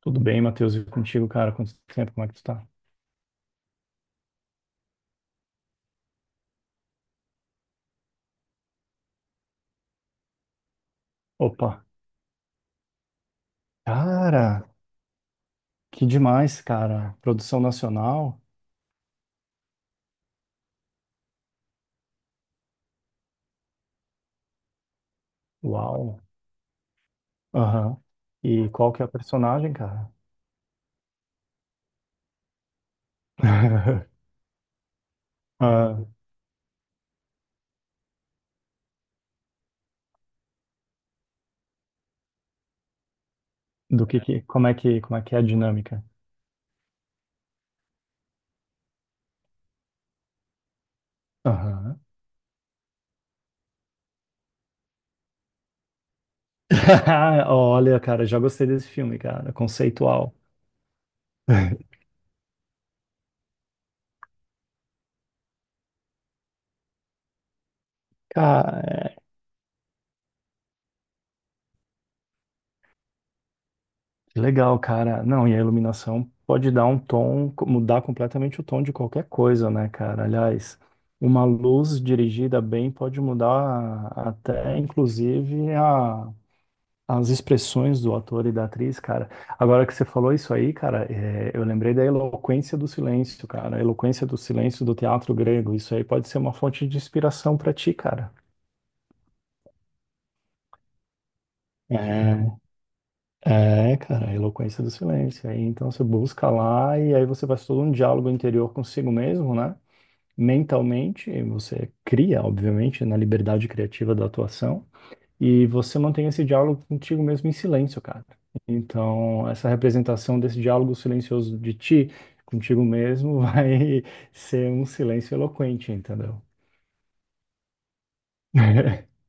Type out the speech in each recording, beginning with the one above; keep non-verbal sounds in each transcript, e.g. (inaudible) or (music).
Tudo bem, Matheus? E contigo, cara? Quanto tempo? Como é que tu tá? Opa! Cara, que demais, cara. Produção nacional? Uau! Aham. E qual que é a personagem, cara? (laughs) Ah, do que, como é que, como é que é a dinâmica? Aham. (laughs) Olha, cara, já gostei desse filme, cara. Conceitual. (laughs) Cara. Que legal, cara. Não, e a iluminação pode dar um tom, mudar completamente o tom de qualquer coisa, né, cara? Aliás, uma luz dirigida bem pode mudar até, inclusive, as expressões do ator e da atriz, cara. Agora que você falou isso aí, cara, é, eu lembrei da eloquência do silêncio, cara. A eloquência do silêncio do teatro grego. Isso aí pode ser uma fonte de inspiração pra ti, cara. É. É, cara, a eloquência do silêncio. Aí, então você busca lá e aí você faz todo um diálogo interior consigo mesmo, né? Mentalmente, e você cria, obviamente, na liberdade criativa da atuação, e você mantém esse diálogo contigo mesmo em silêncio, cara. Então, essa representação desse diálogo silencioso de ti contigo mesmo vai (laughs) ser um silêncio eloquente, entendeu? (laughs)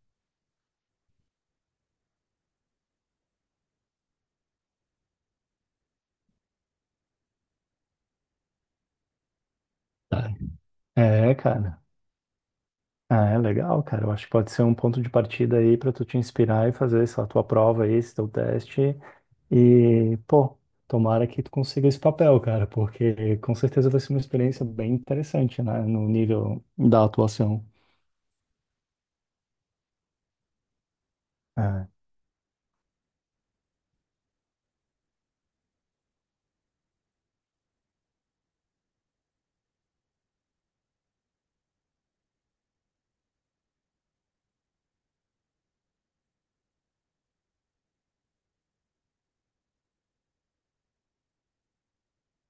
Tá. É, cara. Ah, é legal, cara. Eu acho que pode ser um ponto de partida aí pra tu te inspirar e fazer essa tua prova aí, esse teu teste. E, pô, tomara que tu consiga esse papel, cara, porque com certeza vai ser uma experiência bem interessante, né, no nível da atuação. É.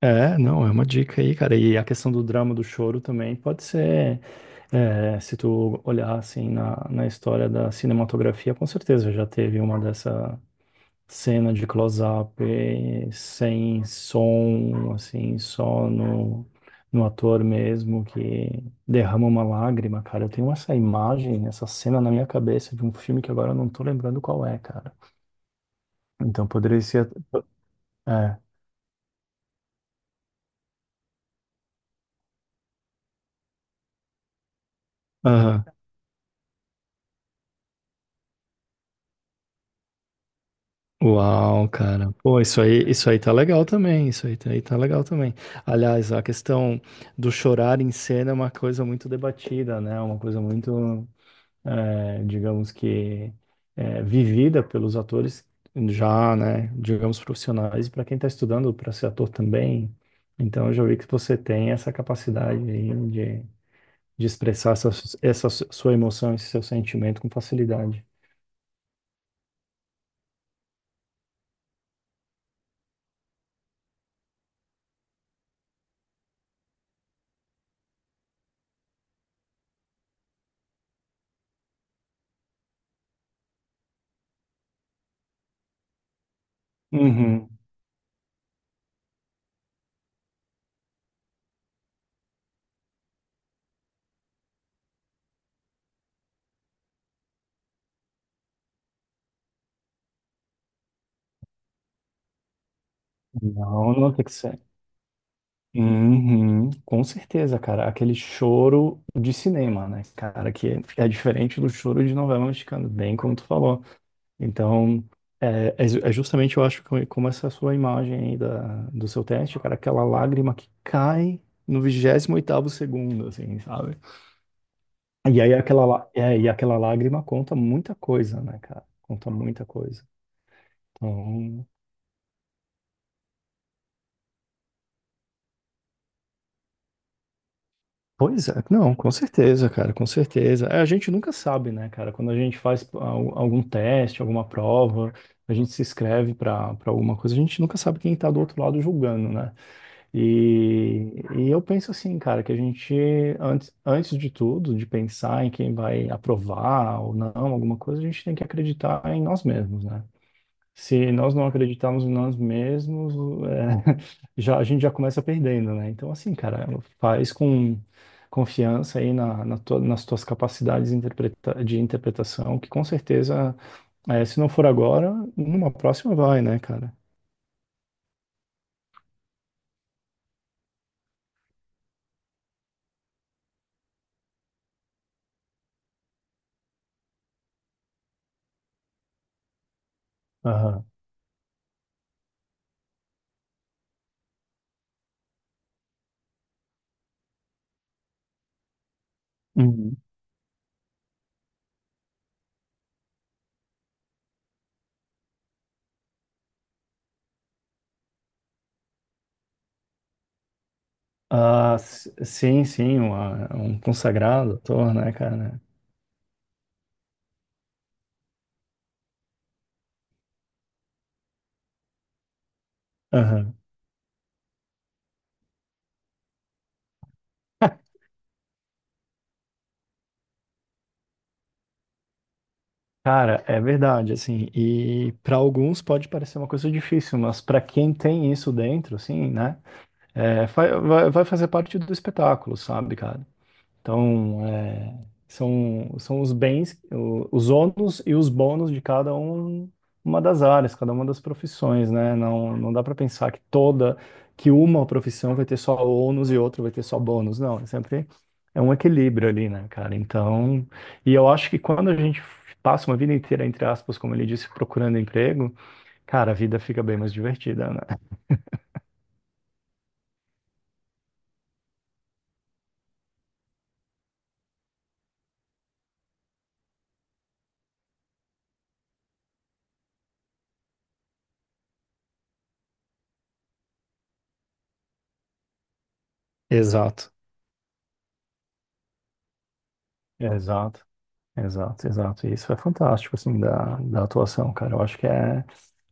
É, não, é uma dica aí, cara. E a questão do drama, do choro também pode ser, é, se tu olhar assim na história da cinematografia, com certeza já teve uma dessa cena de close-up, sem som, assim, só no, no ator mesmo que derrama uma lágrima, cara. Eu tenho essa imagem, essa cena na minha cabeça de um filme que agora eu não tô lembrando qual é, cara. Então poderia ser. É. Aham. Uau, cara. Pô, isso aí tá legal também. Isso aí tá legal também. Aliás, a questão do chorar em cena é uma coisa muito debatida, né? Uma coisa muito. Digamos que vivida pelos atores já, né, digamos profissionais, e para quem está estudando para ser ator também. Então, eu já vi que você tem essa capacidade aí de expressar essa, sua emoção, esse seu sentimento com facilidade. Uhum. Não, não tem que ser. Uhum, com certeza, cara. Aquele choro de cinema, né, cara, que é diferente do choro de novela mexicana, bem como tu falou. Então, é, é é justamente, eu acho, que como essa sua imagem aí da, do seu teste, cara, aquela lágrima que cai no 28º segundo, assim, sabe? E aí aquela, e aquela lágrima conta muita coisa, né, cara? Conta muita coisa. Então, pois é, não, com certeza, cara, com certeza. É, a gente nunca sabe, né, cara? Quando a gente faz algum teste, alguma prova, a gente se inscreve pra alguma coisa, a gente nunca sabe quem tá do outro lado julgando, né? E eu penso assim, cara, que a gente, antes de tudo, de pensar em quem vai aprovar ou não alguma coisa, a gente tem que acreditar em nós mesmos, né? Se nós não acreditarmos em nós mesmos, é, (laughs) já, a gente já começa perdendo, né? Então, assim, cara, faz com confiança aí na, nas tuas de interpretação, que com certeza, é, se não for agora, numa próxima vai, né, cara? Aham. Ah, sim, sim, uma- um consagrado ator, né, cara? Né? Aham. (laughs) Cara, é verdade, assim, e para alguns pode parecer uma coisa difícil, mas para quem tem isso dentro, assim, né, é, vai fazer parte do espetáculo, sabe, cara? Então, é, são, são os bens, os ônus e os bônus de cada um, uma das áreas, cada uma das profissões, né? Não, não dá para pensar que toda, que uma profissão vai ter só ônus e outra vai ter só bônus. Não, é sempre é um equilíbrio ali, né, cara? Então, e eu acho que quando a gente passa uma vida inteira, entre aspas, como ele disse, procurando emprego, cara, a vida fica bem mais divertida, né? Exato. Exato. Exato, exato. E isso é fantástico, assim, da, da atuação, cara. Eu acho que é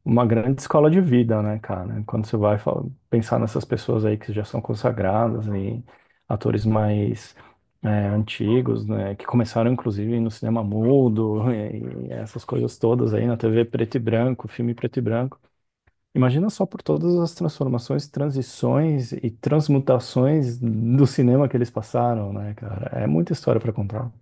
uma grande escola de vida, né, cara? Quando você vai pensar nessas pessoas aí que já são consagradas e atores mais antigos, né, que começaram, inclusive, no cinema mudo (laughs) e essas coisas todas aí, na TV preto e branco, filme preto e branco. Imagina só por todas as transformações, transições e transmutações do cinema que eles passaram, né, cara? É muita história para contar.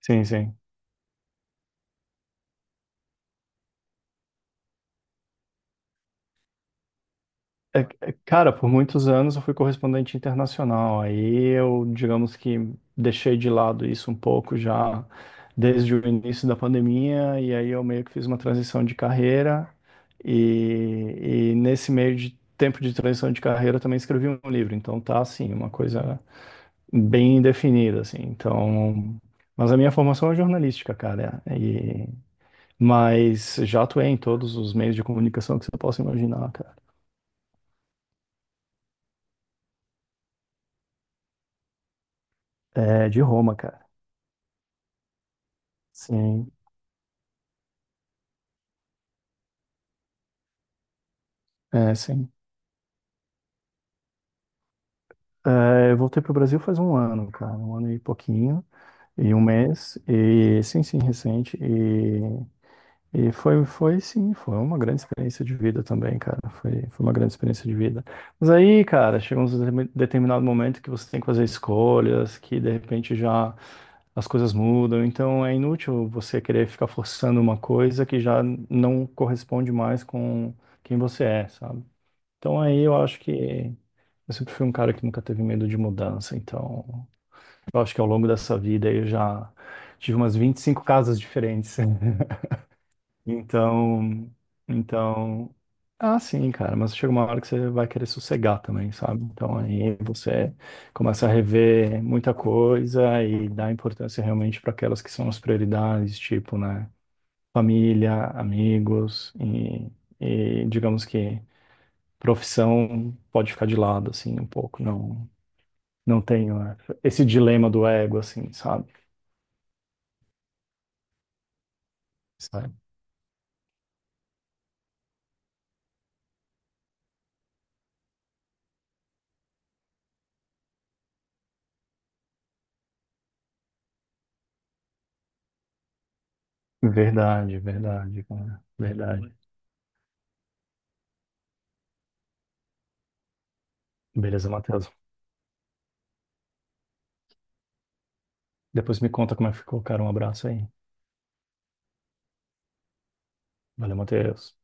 Sim, sim. É, Cara, por muitos anos eu fui correspondente internacional. Aí eu, digamos que deixei de lado isso um pouco já desde o início da pandemia, e aí eu meio que fiz uma transição de carreira. E nesse meio de tempo de transição de carreira eu também escrevi um livro. Então tá assim, uma coisa bem definida, assim. Então, mas a minha formação é jornalística, cara. E, mas já atuei em todos os meios de comunicação que você possa imaginar, cara. É, de Roma, cara. Sim, sim. É, eu voltei pro Brasil faz um ano, cara, um ano e pouquinho, e um mês, e sim, sim, recente, e, foi, sim, foi uma grande experiência de vida também, cara, foi uma grande experiência de vida. Mas aí, cara, chega um determinado momento que você tem que fazer escolhas, que de repente já as coisas mudam, então é inútil você querer ficar forçando uma coisa que já não corresponde mais com quem você é, sabe? Então aí eu acho que eu sempre fui um cara que nunca teve medo de mudança, então eu acho que ao longo dessa vida eu já tive umas 25 casas diferentes. (laughs) Então, então, ah, sim, cara, mas chega uma hora que você vai querer sossegar também, sabe? Então aí você começa a rever muita coisa e dá importância realmente para aquelas que são as prioridades, tipo, né, família, amigos e digamos que profissão pode ficar de lado, assim, um pouco. Não, não tenho essa- esse dilema do ego, assim, sabe? Sabe? Verdade, verdade, cara. Verdade. Beleza, Matheus. Depois me conta como é que ficou, cara. Um abraço aí. Valeu, Matheus.